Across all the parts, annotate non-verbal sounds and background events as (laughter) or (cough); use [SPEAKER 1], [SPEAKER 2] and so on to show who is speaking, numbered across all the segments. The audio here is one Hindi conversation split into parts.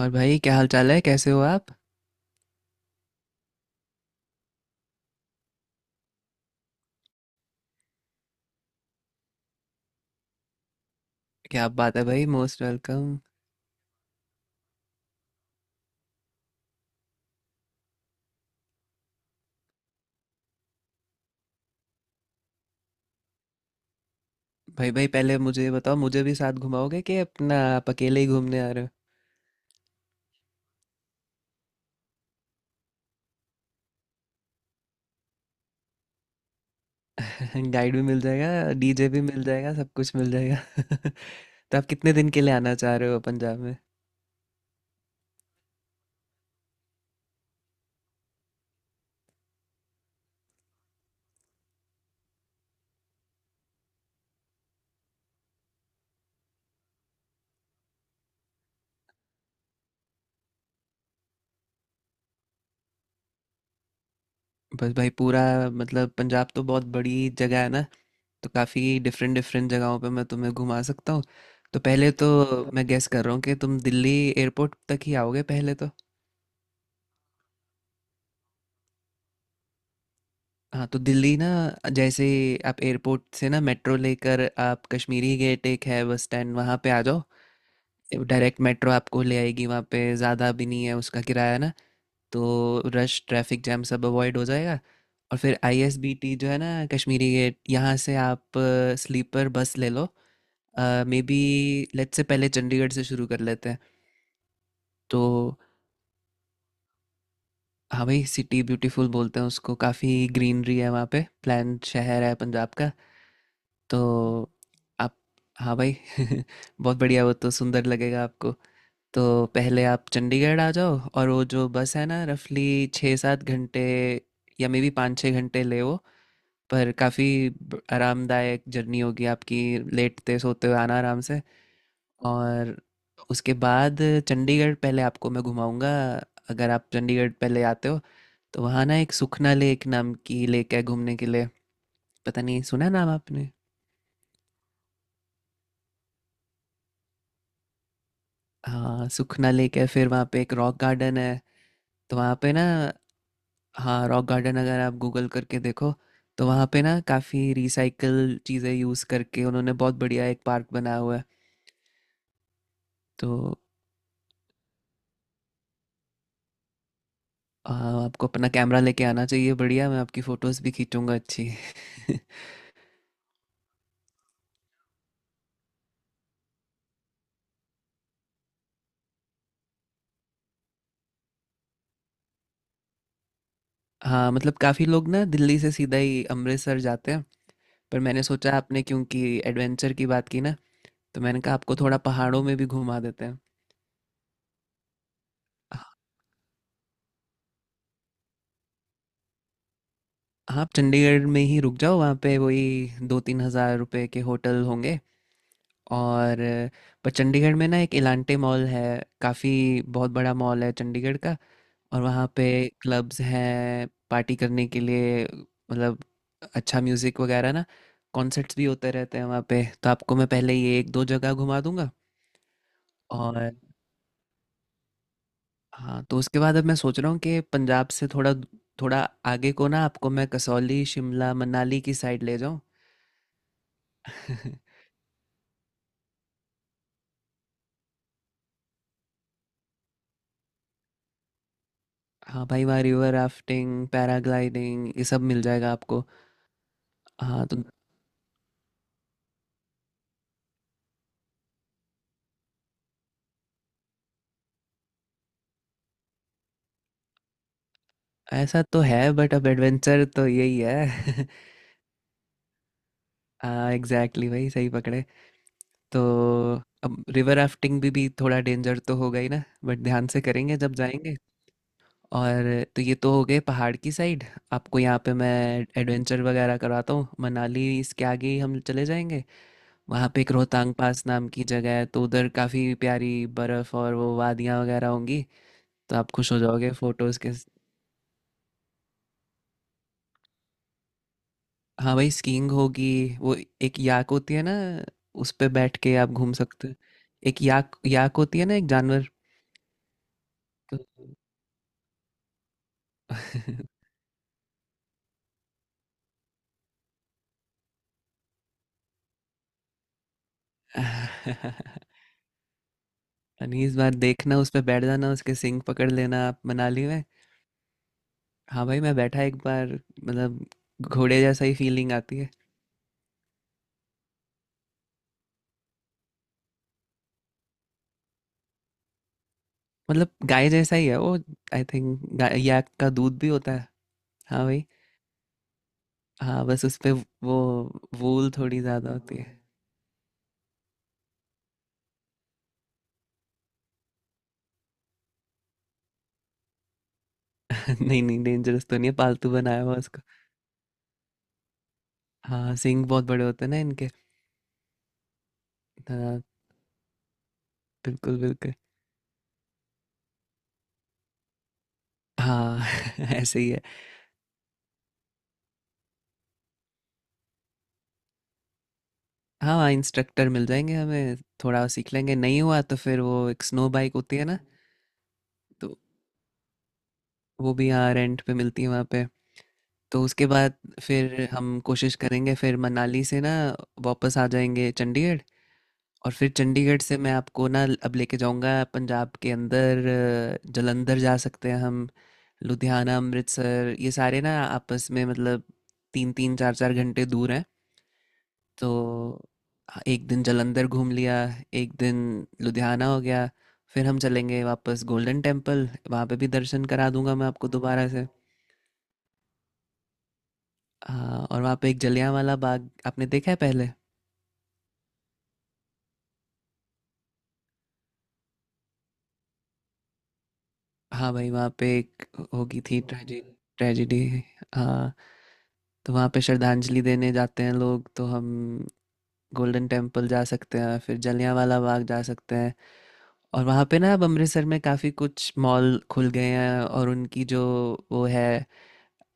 [SPEAKER 1] और भाई, क्या हाल चाल है? कैसे हो आप? क्या बात है भाई! Most welcome. भाई भाई, पहले मुझे ये बताओ, मुझे भी साथ घुमाओगे कि अपना आप अकेले ही घूमने आ रहे हो? (laughs) गाइड भी मिल जाएगा, डीजे भी मिल जाएगा, सब कुछ मिल जाएगा। (laughs) तो आप कितने दिन के लिए आना चाह रहे हो पंजाब में? बस भाई पूरा, मतलब पंजाब तो बहुत बड़ी जगह है ना। तो काफ़ी डिफरेंट डिफरेंट जगहों पे मैं तुम्हें घुमा सकता हूँ। तो पहले तो मैं गेस कर रहा हूँ कि तुम दिल्ली एयरपोर्ट तक ही आओगे पहले तो। हाँ, तो दिल्ली ना, जैसे आप एयरपोर्ट से ना मेट्रो लेकर आप कश्मीरी गेट एक है बस स्टैंड, वहाँ पे आ जाओ। डायरेक्ट मेट्रो आपको ले आएगी वहाँ पे, ज़्यादा भी नहीं है उसका किराया ना। तो रश, ट्रैफिक जैम सब अवॉइड हो जाएगा। और फिर आईएसबीटी जो है ना कश्मीरी गेट, यहाँ से आप स्लीपर बस ले लो। मे बी लेट से, पहले चंडीगढ़ से शुरू कर लेते हैं तो। हाँ भाई, सिटी ब्यूटीफुल बोलते हैं उसको, काफ़ी ग्रीनरी है वहाँ पे, प्लान शहर है पंजाब का। तो आप, हाँ भाई, (laughs) बहुत बढ़िया, वो तो सुंदर लगेगा आपको। तो पहले आप चंडीगढ़ आ जाओ, और वो जो बस है ना रफली 6-7 घंटे या मे बी 5-6 घंटे ले वो, पर काफ़ी आरामदायक जर्नी होगी आपकी। लेटते सोते हुए आना आराम से। और उसके बाद चंडीगढ़ पहले आपको मैं घुमाऊंगा, अगर आप चंडीगढ़ पहले आते हो तो। वहाँ ना एक सुखना लेक नाम की लेक है घूमने के लिए, पता नहीं सुना है नाम आपने। हाँ, सुखना लेक है, फिर वहाँ पे एक रॉक गार्डन है, तो वहाँ पे ना, हाँ, रॉक गार्डन अगर आप गूगल करके देखो तो वहाँ पे ना काफ़ी रिसाइकल चीज़ें यूज़ करके उन्होंने बहुत बढ़िया एक पार्क बनाया हुआ है तो। हाँ, आपको अपना कैमरा लेके आना चाहिए, बढ़िया मैं आपकी फ़ोटोज़ भी खींचूंगा अच्छी। (laughs) हाँ, मतलब काफ़ी लोग ना दिल्ली से सीधा ही अमृतसर जाते हैं, पर मैंने सोचा आपने क्योंकि एडवेंचर की बात की ना, तो मैंने कहा आपको थोड़ा पहाड़ों में भी घुमा देते हैं। हाँ, आप चंडीगढ़ में ही रुक जाओ, वहाँ पे वही 2-3 हज़ार रुपए के होटल होंगे। और पर चंडीगढ़ में ना एक इलांटे मॉल है, काफ़ी बहुत बड़ा मॉल है चंडीगढ़ का। और वहाँ पे क्लब्स हैं पार्टी करने के लिए, मतलब अच्छा म्यूज़िक वगैरह ना, कॉन्सर्ट्स भी होते रहते हैं वहाँ पे। तो आपको मैं पहले ये एक दो जगह घुमा दूंगा। और हाँ, तो उसके बाद अब मैं सोच रहा हूँ कि पंजाब से थोड़ा थोड़ा आगे को ना आपको मैं कसौली, शिमला, मनाली की साइड ले जाऊँ। (laughs) हाँ भाई, वहाँ रिवर राफ्टिंग, पैराग्लाइडिंग, ये सब मिल जाएगा आपको। हाँ तो, ऐसा तो है, बट अब एडवेंचर तो यही है। (laughs) हाँ एग्जैक्टली भाई, सही पकड़े। तो अब रिवर राफ्टिंग भी थोड़ा डेंजर तो होगा ही ना, बट ध्यान से करेंगे जब जाएंगे। और तो ये तो हो गए पहाड़ की साइड। आपको यहाँ पे मैं एडवेंचर वगैरह कराता हूँ। मनाली इसके आगे ही हम चले जाएंगे। वहाँ पे एक रोहतांग पास नाम की जगह है, तो उधर काफ़ी प्यारी बर्फ़ और वो वादियाँ वगैरह होंगी। तो आप खुश हो जाओगे फोटोज़ के। हाँ भाई, स्कीइंग होगी। वो एक याक होती है ना, उस पे बैठ के आप घूम सकते हो। एक याक, याक होती है ना, एक जानवर। तो- (laughs) 19 बार देखना, उस पे बैठ जाना, उसके सिंग पकड़ लेना आप मनाली में। हाँ भाई मैं बैठा एक बार, मतलब घोड़े जैसा ही फीलिंग आती है। मतलब गाय जैसा ही है वो, आई थिंक याक का दूध भी होता है। हाँ भाई। हाँ, बस उस पे। वो वूल थोड़ी ज़्यादा होती है। (laughs) नहीं नहीं, डेंजरस तो नहीं है, पालतू बनाया हुआ उसको। हाँ, सींग बहुत बड़े होते हैं ना इनके। हाँ बिल्कुल बिल्कुल, हाँ। (laughs) ऐसे ही है। हाँ हाँ, इंस्ट्रक्टर मिल जाएंगे हमें, थोड़ा सीख लेंगे, नहीं हुआ तो फिर वो एक स्नो बाइक होती है ना। तो वो भी यहाँ रेंट पे मिलती है वहाँ पे। तो उसके बाद फिर हम कोशिश करेंगे, फिर मनाली से ना वापस आ जाएंगे चंडीगढ़। और फिर चंडीगढ़ से मैं आपको ना अब लेके जाऊंगा पंजाब के अंदर। जालंधर जा सकते हैं हम। लुधियाना, अमृतसर, ये सारे ना आपस में, मतलब तीन तीन चार चार घंटे दूर हैं तो। हाँ, एक दिन जालंधर घूम लिया, एक दिन लुधियाना हो गया, फिर हम चलेंगे वापस गोल्डन टेम्पल, वहाँ पे भी दर्शन करा दूंगा मैं आपको दोबारा से। हाँ, और वहाँ पे एक जलियांवाला बाग, आपने देखा है पहले? हाँ भाई, वहाँ पे एक होगी थी ट्रेजेडी, ट्रेजेडी, हाँ। तो वहाँ पे श्रद्धांजलि देने जाते हैं लोग, तो हम गोल्डन टेम्पल जा सकते हैं, फिर जलियांवाला बाग जा सकते हैं। और वहाँ पे ना अब अमृतसर में काफ़ी कुछ मॉल खुल गए हैं, और उनकी जो वो है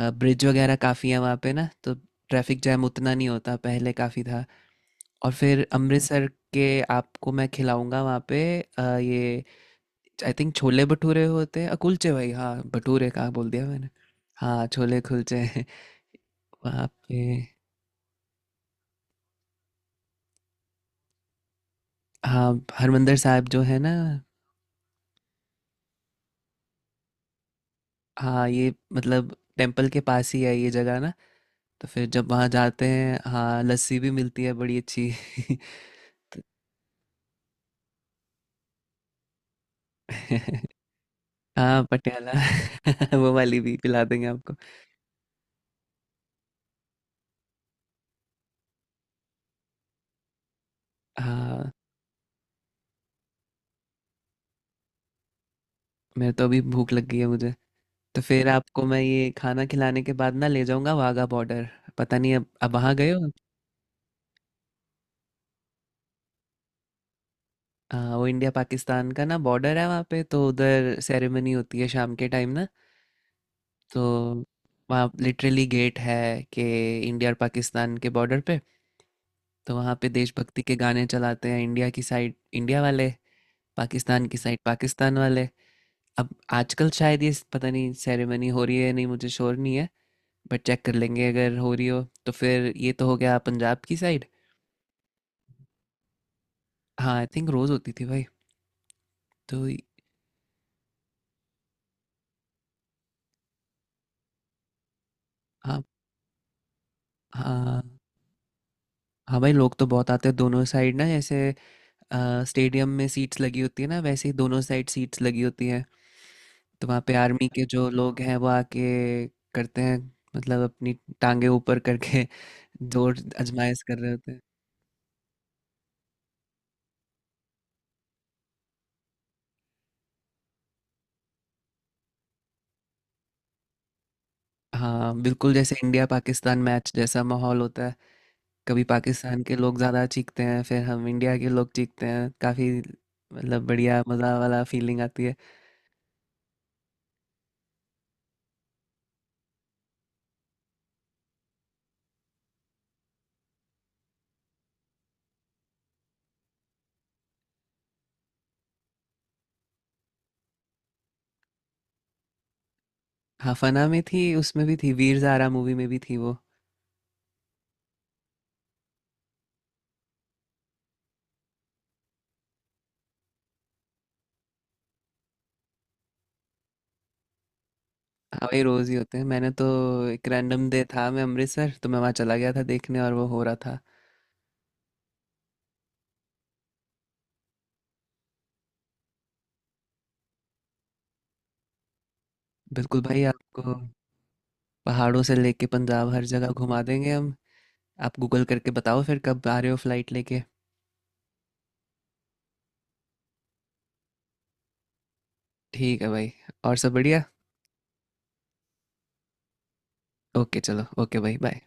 [SPEAKER 1] ब्रिज वगैरह काफ़ी है वहाँ पे ना, तो ट्रैफिक जैम उतना नहीं होता, पहले काफ़ी था। और फिर अमृतसर के आपको मैं खिलाऊंगा वहाँ पे, ये आई थिंक छोले भटूरे होते हैं, कुलचे भाई, हाँ, भटूरे कहाँ बोल दिया मैंने। हाँ छोले कुलचे। (laughs) वहाँ पे हाँ, हरमंदर साहब जो है ना, हाँ ये मतलब टेम्पल के पास ही है ये जगह ना। तो फिर जब वहाँ जाते हैं, हाँ, लस्सी भी मिलती है बड़ी अच्छी। (laughs) हाँ पटियाला, (laughs) वो वाली भी पिला देंगे आपको। हाँ, मेरे तो अभी भूख लग गई है मुझे। तो फिर आपको मैं ये खाना खिलाने के बाद ना ले जाऊंगा वाघा बॉर्डर। पता नहीं अब वहाँ गए हो। वो इंडिया पाकिस्तान का ना बॉर्डर है वहाँ पे, तो उधर सेरेमनी होती है शाम के टाइम ना। तो वहाँ लिटरली गेट है कि इंडिया और पाकिस्तान के बॉर्डर पे, तो वहाँ पे देशभक्ति के गाने चलाते हैं, इंडिया की साइड इंडिया वाले, पाकिस्तान की साइड पाकिस्तान वाले। अब आजकल शायद, ये पता नहीं सेरेमनी हो रही है या नहीं, मुझे श्योर नहीं है, बट चेक कर लेंगे, अगर हो रही हो तो। फिर ये तो हो गया पंजाब की साइड। हाँ आई थिंक रोज़ होती थी भाई। तो हाँ हाँ। हाँ भाई, लोग तो बहुत आते हैं दोनों साइड ना। जैसे स्टेडियम में सीट्स लगी होती है ना, वैसे ही दोनों साइड सीट्स लगी होती हैं। तो वहाँ पे आर्मी के जो लोग हैं वो आके करते हैं, मतलब अपनी टांगे ऊपर करके (laughs) जोर आजमाइश कर रहे होते हैं। हाँ बिल्कुल, जैसे इंडिया पाकिस्तान मैच जैसा माहौल होता है। कभी पाकिस्तान के लोग ज़्यादा चीखते हैं, फिर हम इंडिया के लोग चीखते हैं काफ़ी, मतलब बढ़िया मज़ा वाला फीलिंग आती है। हाँ, फना में थी, उसमें भी थी, वीर ज़ारा मूवी में भी थी वो। हाँ भाई रोज ही होते हैं, मैंने तो एक रैंडम डे था मैं अमृतसर, तो मैं वहाँ चला गया था देखने और वो हो रहा था। बिल्कुल भाई, आपको पहाड़ों से लेके पंजाब हर जगह घुमा देंगे हम। आप गूगल करके बताओ फिर कब आ रहे हो फ्लाइट लेके। ठीक है भाई, और सब बढ़िया। ओके चलो, ओके भाई, बाय।